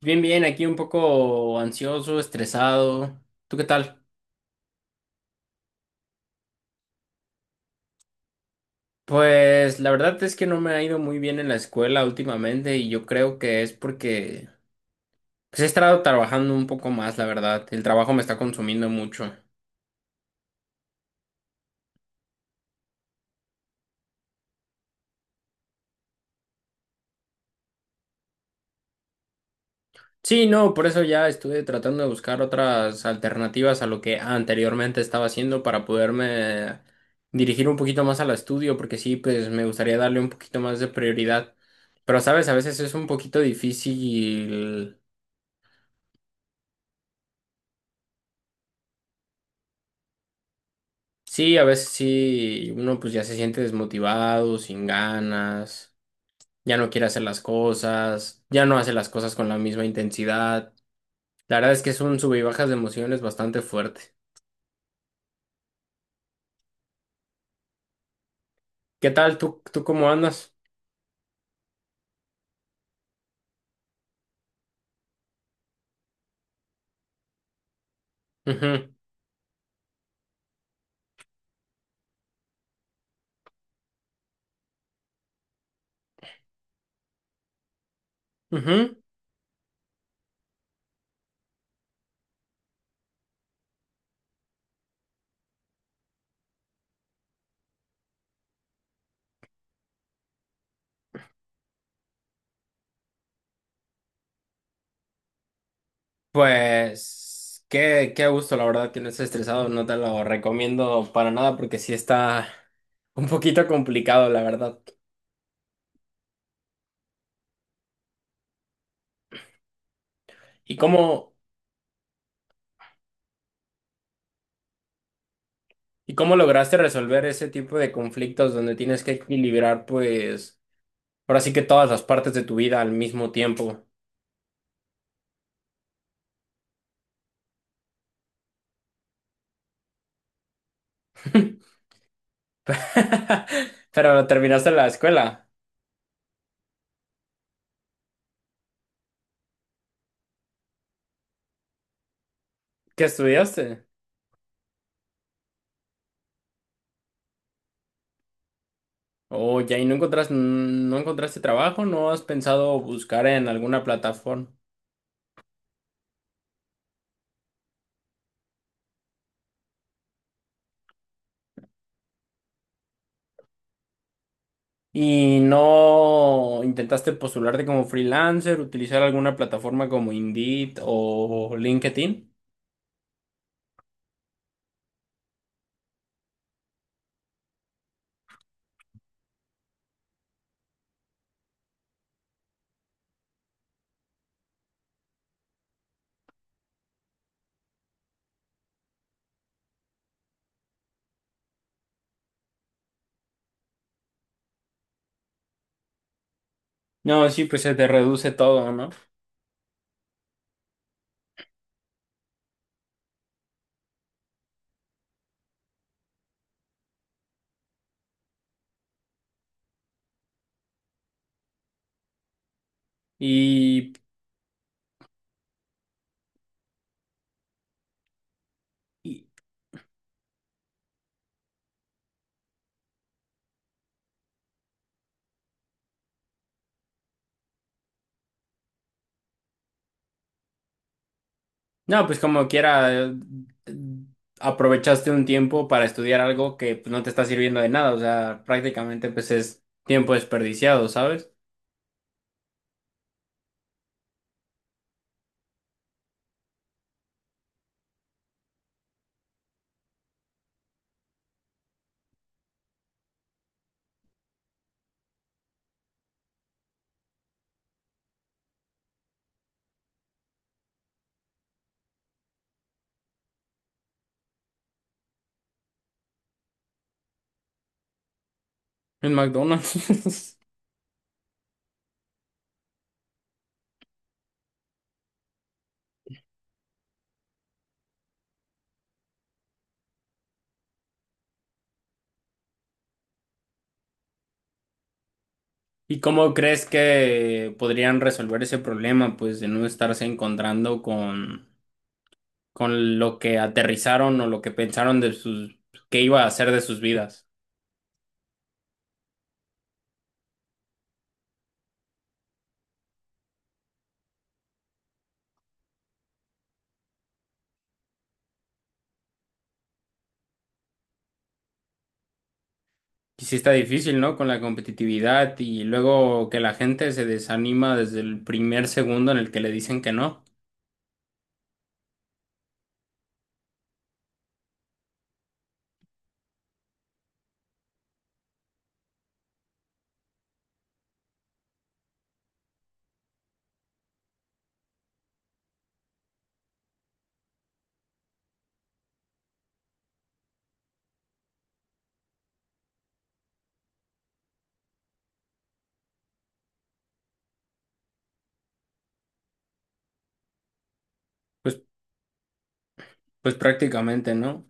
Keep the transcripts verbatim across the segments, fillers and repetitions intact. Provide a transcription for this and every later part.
Bien, bien, aquí un poco ansioso, estresado. ¿Tú qué tal? Pues la verdad es que no me ha ido muy bien en la escuela últimamente y yo creo que es porque pues, he estado trabajando un poco más, la verdad. El trabajo me está consumiendo mucho. Sí, no, por eso ya estuve tratando de buscar otras alternativas a lo que anteriormente estaba haciendo para poderme dirigir un poquito más al estudio, porque sí, pues me gustaría darle un poquito más de prioridad. Pero sabes, a veces es un poquito difícil. Sí, a veces sí, uno pues ya se siente desmotivado, sin ganas, ya no quiere hacer las cosas, ya no hace las cosas con la misma intensidad. La verdad es que es un sube y bajas de emociones bastante fuerte. ¿Qué tal? ¿Tú, tú cómo andas? Ujú, ujú. Pues qué, qué gusto, la verdad, que no estés estresado, no te lo recomiendo para nada porque sí está un poquito complicado, la verdad. ¿Y cómo, y cómo lograste resolver ese tipo de conflictos donde tienes que equilibrar, pues ahora sí que todas las partes de tu vida al mismo tiempo. Pero terminaste la escuela. ¿Qué estudiaste? Oh, ya, ¿y no encontraste, no encontraste trabajo? ¿No has pensado buscar en alguna plataforma? ¿Y no intentaste postularte como freelancer, utilizar alguna plataforma como Indeed o LinkedIn? No, sí, pues se te reduce todo, ¿no? Y, y no, pues como quiera, eh, aprovechaste un tiempo para estudiar algo que pues, no te está sirviendo de nada, o sea, prácticamente pues es tiempo desperdiciado, ¿sabes? En McDonald's. ¿Y cómo crees que podrían resolver ese problema, pues, de no estarse encontrando con, con lo que aterrizaron o lo que pensaron de sus, qué iba a hacer de sus vidas? Y sí está difícil, ¿no? Con la competitividad y luego que la gente se desanima desde el primer segundo en el que le dicen que no. Pues pues prácticamente, ¿no?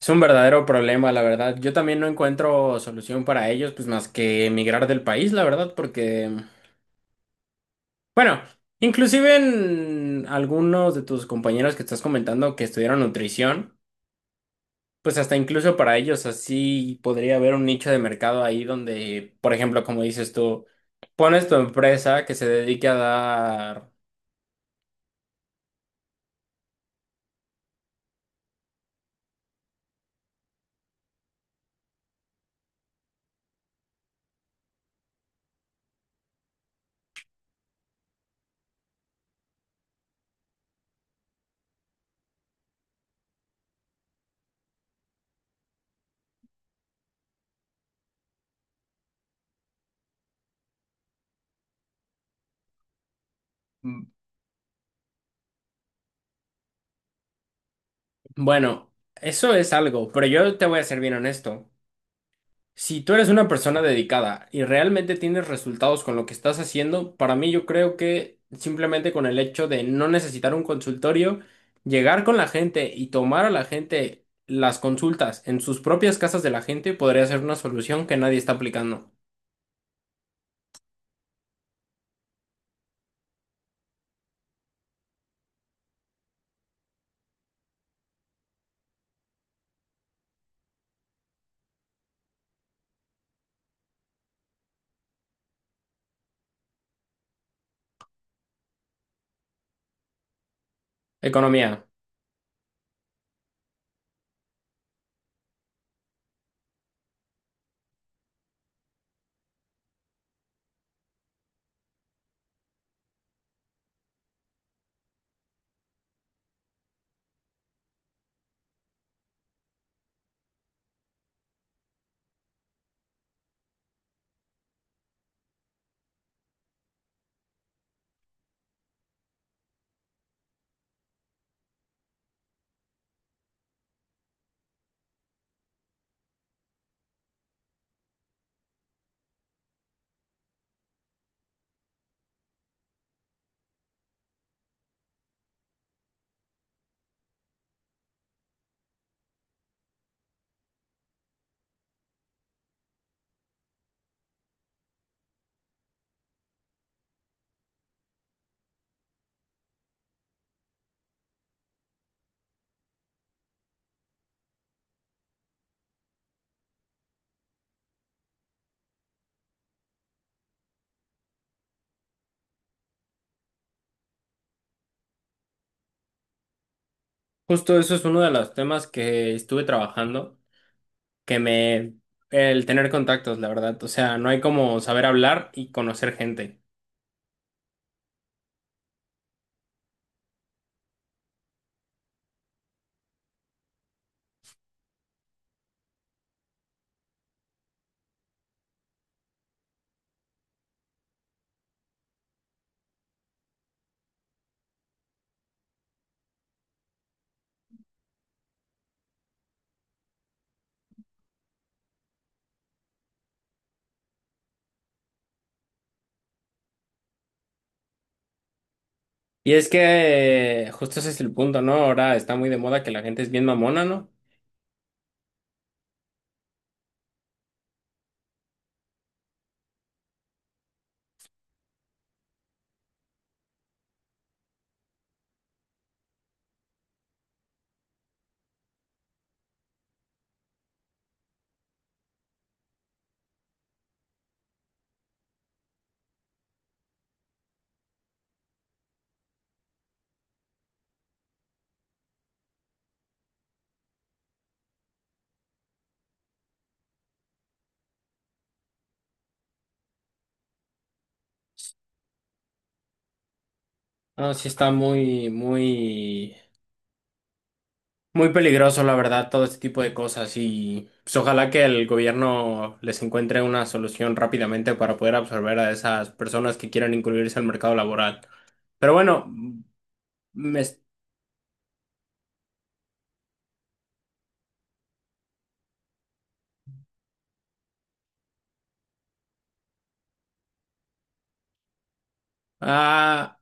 Es un verdadero problema, la verdad. Yo también no encuentro solución para ellos, pues más que emigrar del país, la verdad, porque, bueno, inclusive en algunos de tus compañeros que estás comentando que estudiaron nutrición, pues hasta incluso para ellos así podría haber un nicho de mercado ahí donde, por ejemplo, como dices tú, pones tu empresa que se dedique a dar, mm, bueno, eso es algo, pero yo te voy a ser bien honesto. Si tú eres una persona dedicada y realmente tienes resultados con lo que estás haciendo, para mí yo creo que simplemente con el hecho de no necesitar un consultorio, llegar con la gente y tomar a la gente las consultas en sus propias casas de la gente podría ser una solución que nadie está aplicando. Economía. Justo eso es uno de los temas que estuve trabajando, que me... el tener contactos, la verdad. O sea, no hay como saber hablar y conocer gente. Y es que eh, justo ese es el punto, ¿no? Ahora está muy de moda que la gente es bien mamona, ¿no? No, sí está muy, muy, muy peligroso, la verdad, todo este tipo de cosas. Y pues ojalá que el gobierno les encuentre una solución rápidamente para poder absorber a esas personas que quieran incluirse al mercado laboral. Pero bueno, me... es- Ah,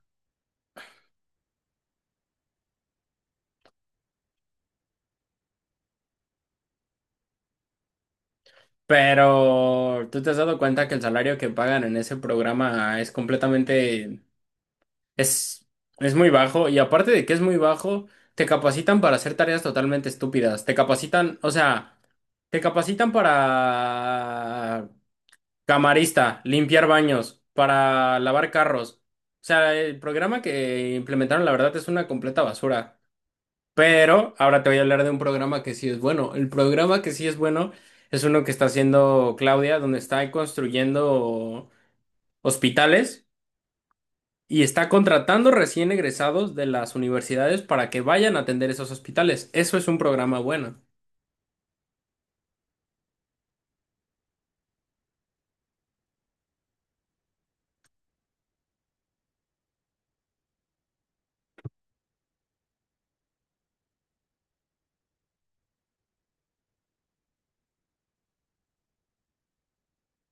pero ¿tú te has dado cuenta que el salario que pagan en ese programa es completamente Es, es muy bajo y aparte de que es muy bajo, te capacitan para hacer tareas totalmente estúpidas. Te capacitan, o sea, te capacitan para camarista, limpiar baños, para lavar carros. O sea, el programa que implementaron, la verdad, es una completa basura. Pero ahora te voy a hablar de un programa que sí es bueno. El programa que sí es bueno es uno que está haciendo Claudia, donde está construyendo hospitales. Y está contratando recién egresados de las universidades para que vayan a atender esos hospitales. Eso es un programa bueno.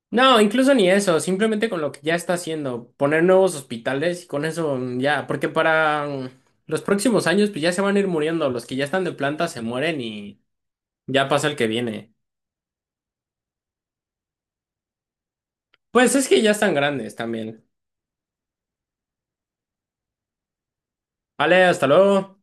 No, incluso ni eso, simplemente con lo que ya está haciendo, poner nuevos hospitales y con eso mm, ya, porque para mm, los próximos años pues ya se van a ir muriendo, los que ya están de planta se mueren y ya pasa el que viene. Pues es que ya están grandes también. Vale, hasta luego.